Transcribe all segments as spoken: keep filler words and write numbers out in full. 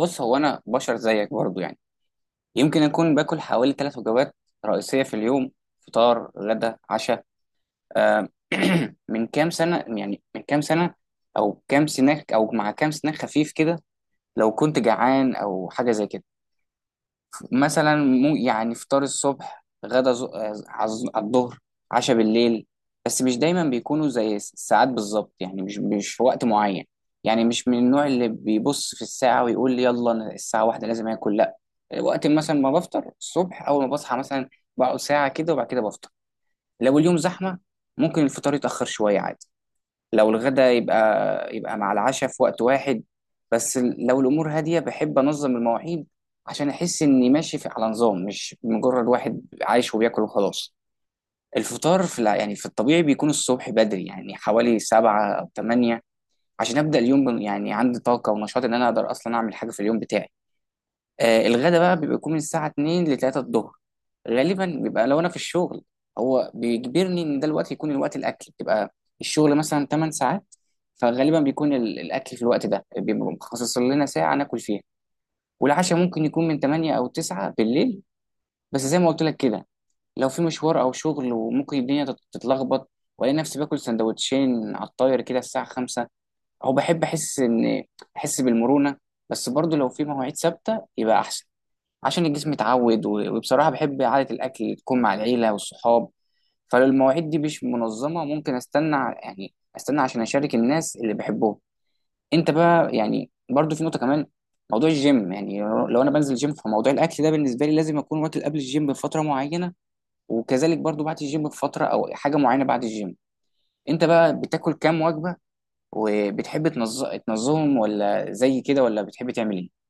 بص، هو انا بشر زيك برضو يعني. يمكن اكون باكل حوالي ثلاث وجبات رئيسيه في اليوم: فطار، غدا، عشاء. آه، من كام سنه يعني من كام سنه او كام سناك او مع كام سناك خفيف كده، لو كنت جعان او حاجه زي كده. مثلا مو يعني فطار الصبح، غدا ز- عز- على الظهر، عشاء بالليل. بس مش دايما بيكونوا زي الساعات بالظبط، يعني مش مش في وقت معين. يعني مش من النوع اللي بيبص في الساعة ويقول لي يلا أنا الساعة واحدة لازم آكل، لا. وقت مثلا ما بفطر الصبح أول ما بصحى مثلا، بقعد ساعة كده وبعد كده بفطر. لو اليوم زحمة ممكن الفطار يتأخر شوية عادي. لو الغدا يبقى يبقى مع العشاء في وقت واحد. بس ال- لو الامور هاديه بحب انظم المواعيد، عشان احس اني ماشي في على نظام، مش مجرد واحد عايش وبياكل وخلاص. الفطار في الع- يعني في الطبيعي بيكون الصبح بدري، يعني حوالي سبعة أو تمانية، عشان أبدأ اليوم بن- يعني عندي طاقة ونشاط، إن أنا أقدر أصلا أعمل حاجة في اليوم بتاعي. آه الغدا بقى بيبقى يكون من الساعة اتنين ل تلاتة الظهر، غالبا بيبقى لو انا في الشغل، هو بيجبرني ان ده الوقت يكون الوقت الاكل بيبقى. الشغل مثلا تمان ساعات، فغالبا بيكون ال- الاكل في الوقت ده بيبقى مخصص لنا ساعة ناكل فيها. والعشاء ممكن يكون من تمانية او تسعة بالليل. بس زي ما قلت لك كده، لو في مشوار او شغل وممكن الدنيا تت- تتلخبط، والاقي نفسي باكل سندوتشين على الطاير كده الساعة خمسة. او بحب احس ان، احس بالمرونة. بس برضه لو في مواعيد ثابتة يبقى احسن، عشان الجسم يتعود، و- وبصراحة بحب عادة الأكل تكون مع العيلة والصحاب. فلو المواعيد دي مش منظمة ممكن أستنى ع- يعني أستنى عشان أشارك الناس اللي بحبهم. أنت بقى يعني برضو في نقطة كمان، موضوع الجيم، يعني لو أنا بنزل جيم فموضوع الأكل ده بالنسبة لي لازم أكون واكل قبل الجيم بفترة معينة، وكذلك برضو بعد الجيم بفترة أو حاجة معينة بعد الجيم. أنت بقى بتاكل كام وجبة، وبتحب تنظ- تنظمهم ولا زي كده، ولا بتحب تعمل إيه؟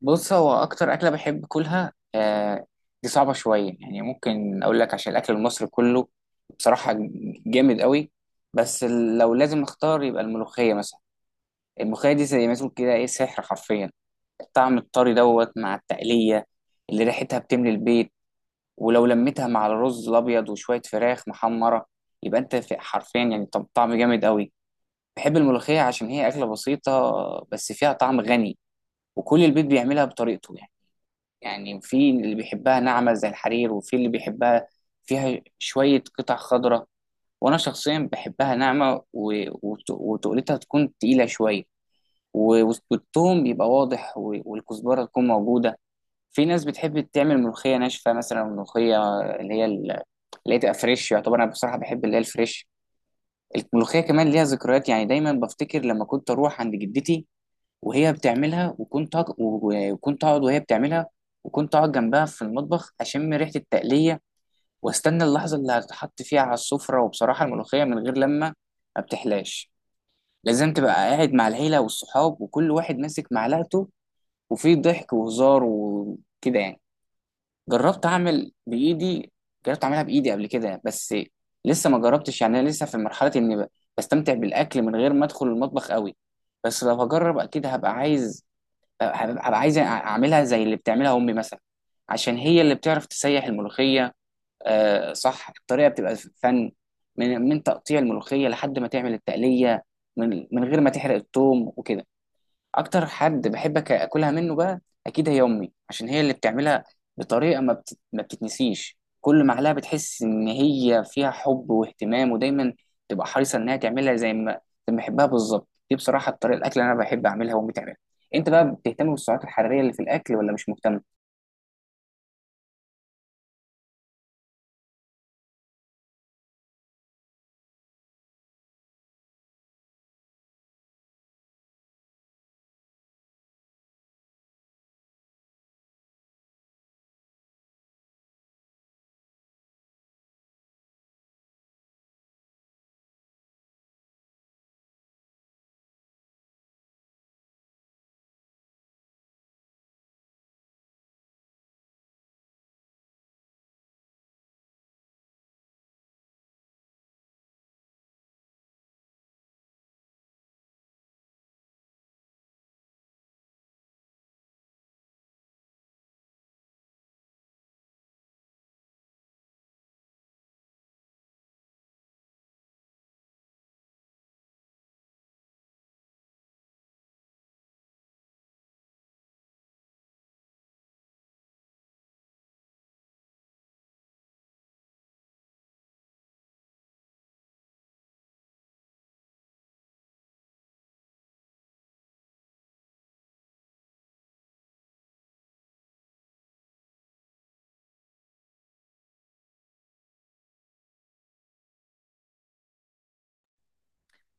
بص، هو اكتر اكله بحب اكلها آه دي صعبه شويه، يعني ممكن اقول لك عشان الاكل المصري كله بصراحه جامد قوي. بس ال- لو لازم اختار يبقى الملوخيه مثلا. الملوخيه دي زي ما تقول كده ايه، سحر حرفيا. الطعم الطري دوت مع التقليه اللي ريحتها بتملي البيت، ولو لميتها مع الرز الابيض وشويه فراخ محمره، يبقى انت في- حرفيا يعني طب- طعم جامد قوي. بحب الملوخيه عشان هي اكله بسيطه بس فيها طعم غني، وكل البيت بيعملها بطريقته يعني. يعني في اللي بيحبها ناعمة زي الحرير، وفي اللي بيحبها فيها شوية قطع خضراء. وأنا شخصيا بحبها ناعمة، و- وت- وتقلتها تكون تقيلة شوية، و- والثوم يبقى واضح، و- والكزبرة تكون موجودة. في ناس بتحب تعمل ملوخية ناشفة مثلا، ملوخية اللي هي ال- اللي هي تبقى فريش. يعتبر أنا بصراحة بحب اللي هي الفريش. الملوخية كمان ليها ذكريات، يعني دايما بفتكر لما كنت أروح عند جدتي وهي بتعملها، وكنت أق- و- وكنت اقعد وهي بتعملها، وكنت اقعد جنبها في المطبخ اشم ريحه التقليه، واستنى اللحظه اللي هتحط فيها على السفره. وبصراحه الملوخيه من غير لما ما بتحلاش، لازم تبقى قاعد مع العيله والصحاب وكل واحد ماسك معلقته، وفي ضحك وهزار وكده يعني. جربت اعمل بايدي جربت اعملها بايدي قبل كده، بس لسه ما جربتش، يعني انا لسه في مرحله اني ب- بستمتع بالاكل من غير ما ادخل المطبخ قوي. بس لو هجرب اكيد هبقى عايز، هبقى هبقى عايز اعملها زي اللي بتعملها امي مثلا، عشان هي اللي بتعرف تسيح الملوخيه. آه، صح، الطريقه بتبقى فن، من من تقطيع الملوخيه لحد ما تعمل التقليه، من من غير ما تحرق الثوم وكده. اكتر حد بحب أك- اكلها منه بقى، اكيد هي امي، عشان هي اللي بتعملها بطريقه ما بت... ما بتتنسيش. كل معلقه بتحس ان هي فيها حب واهتمام، ودايما تبقى حريصه انها تعملها زي ما زي ما بحبها بالظبط. دي بصراحه الطريقه الاكل اللي انا بحب اعملها وامي تعملها. انت بقى بتهتم بالسعرات الحراريه اللي في الاكل ولا مش مهتم؟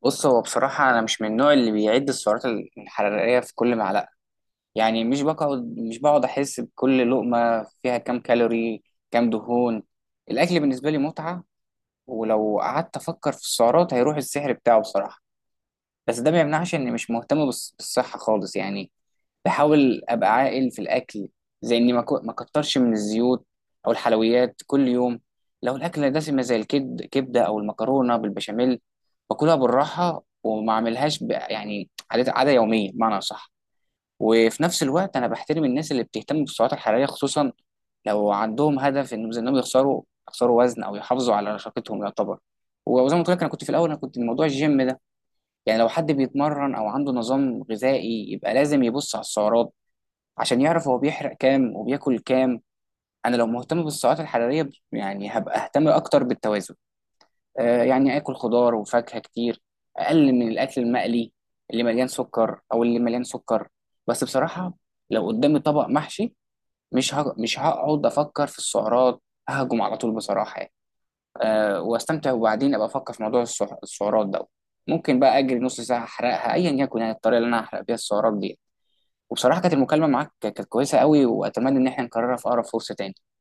بص، هو بصراحه انا مش من النوع اللي بيعد السعرات الحراريه في كل معلقه، يعني مش بقعد مش بقعد احس بكل لقمه فيها كام كالوري، كام دهون. الاكل بالنسبه لي متعه، ولو قعدت افكر في السعرات هيروح السحر بتاعه بصراحه. بس ده ما يمنعش اني مش مهتم بالص- بالصحه خالص يعني. بحاول ابقى عاقل في الاكل، زي اني ما كو- ما كترش من الزيوت او الحلويات كل يوم. لو الاكل دسمه زي الكبد كبده او المكرونه بالبشاميل، باكلها بالراحه وما اعملهاش ب- يعني عاده عاده يوميه، بمعنى صح. وفي نفس الوقت انا بحترم الناس اللي بتهتم بالسعرات الحراريه، خصوصا لو عندهم هدف ان انهم يخسروا يخسروا وزن او يحافظوا على رشاقتهم يعتبر. وزي ما قلت لك، انا كنت في الاول انا كنت موضوع الجيم ده، يعني لو حد بيتمرن او عنده نظام غذائي يبقى لازم يبص على السعرات، عشان يعرف هو بيحرق كام وبياكل كام. انا لو مهتم بالسعرات الحراريه يعني هبقى اهتم اكتر بالتوازن، آه يعني اكل خضار وفاكهه كتير، اقلل من الاكل المقلي اللي مليان سكر او اللي مليان سكر. بس بصراحه لو قدامي طبق محشي، مش هق... مش هقعد افكر في السعرات، ههجم على طول بصراحه يعني. أه، واستمتع وبعدين ابقى افكر في موضوع السع- السعرات ده، ممكن بقى اجري نص ساعه احرقها ايا يكن، يعني الطريقه اللي انا هحرق بيها السعرات دي. وبصراحه كانت المكالمه معاك كانت كويسه قوي، واتمنى ان احنا نكررها في اقرب فرصه تاني.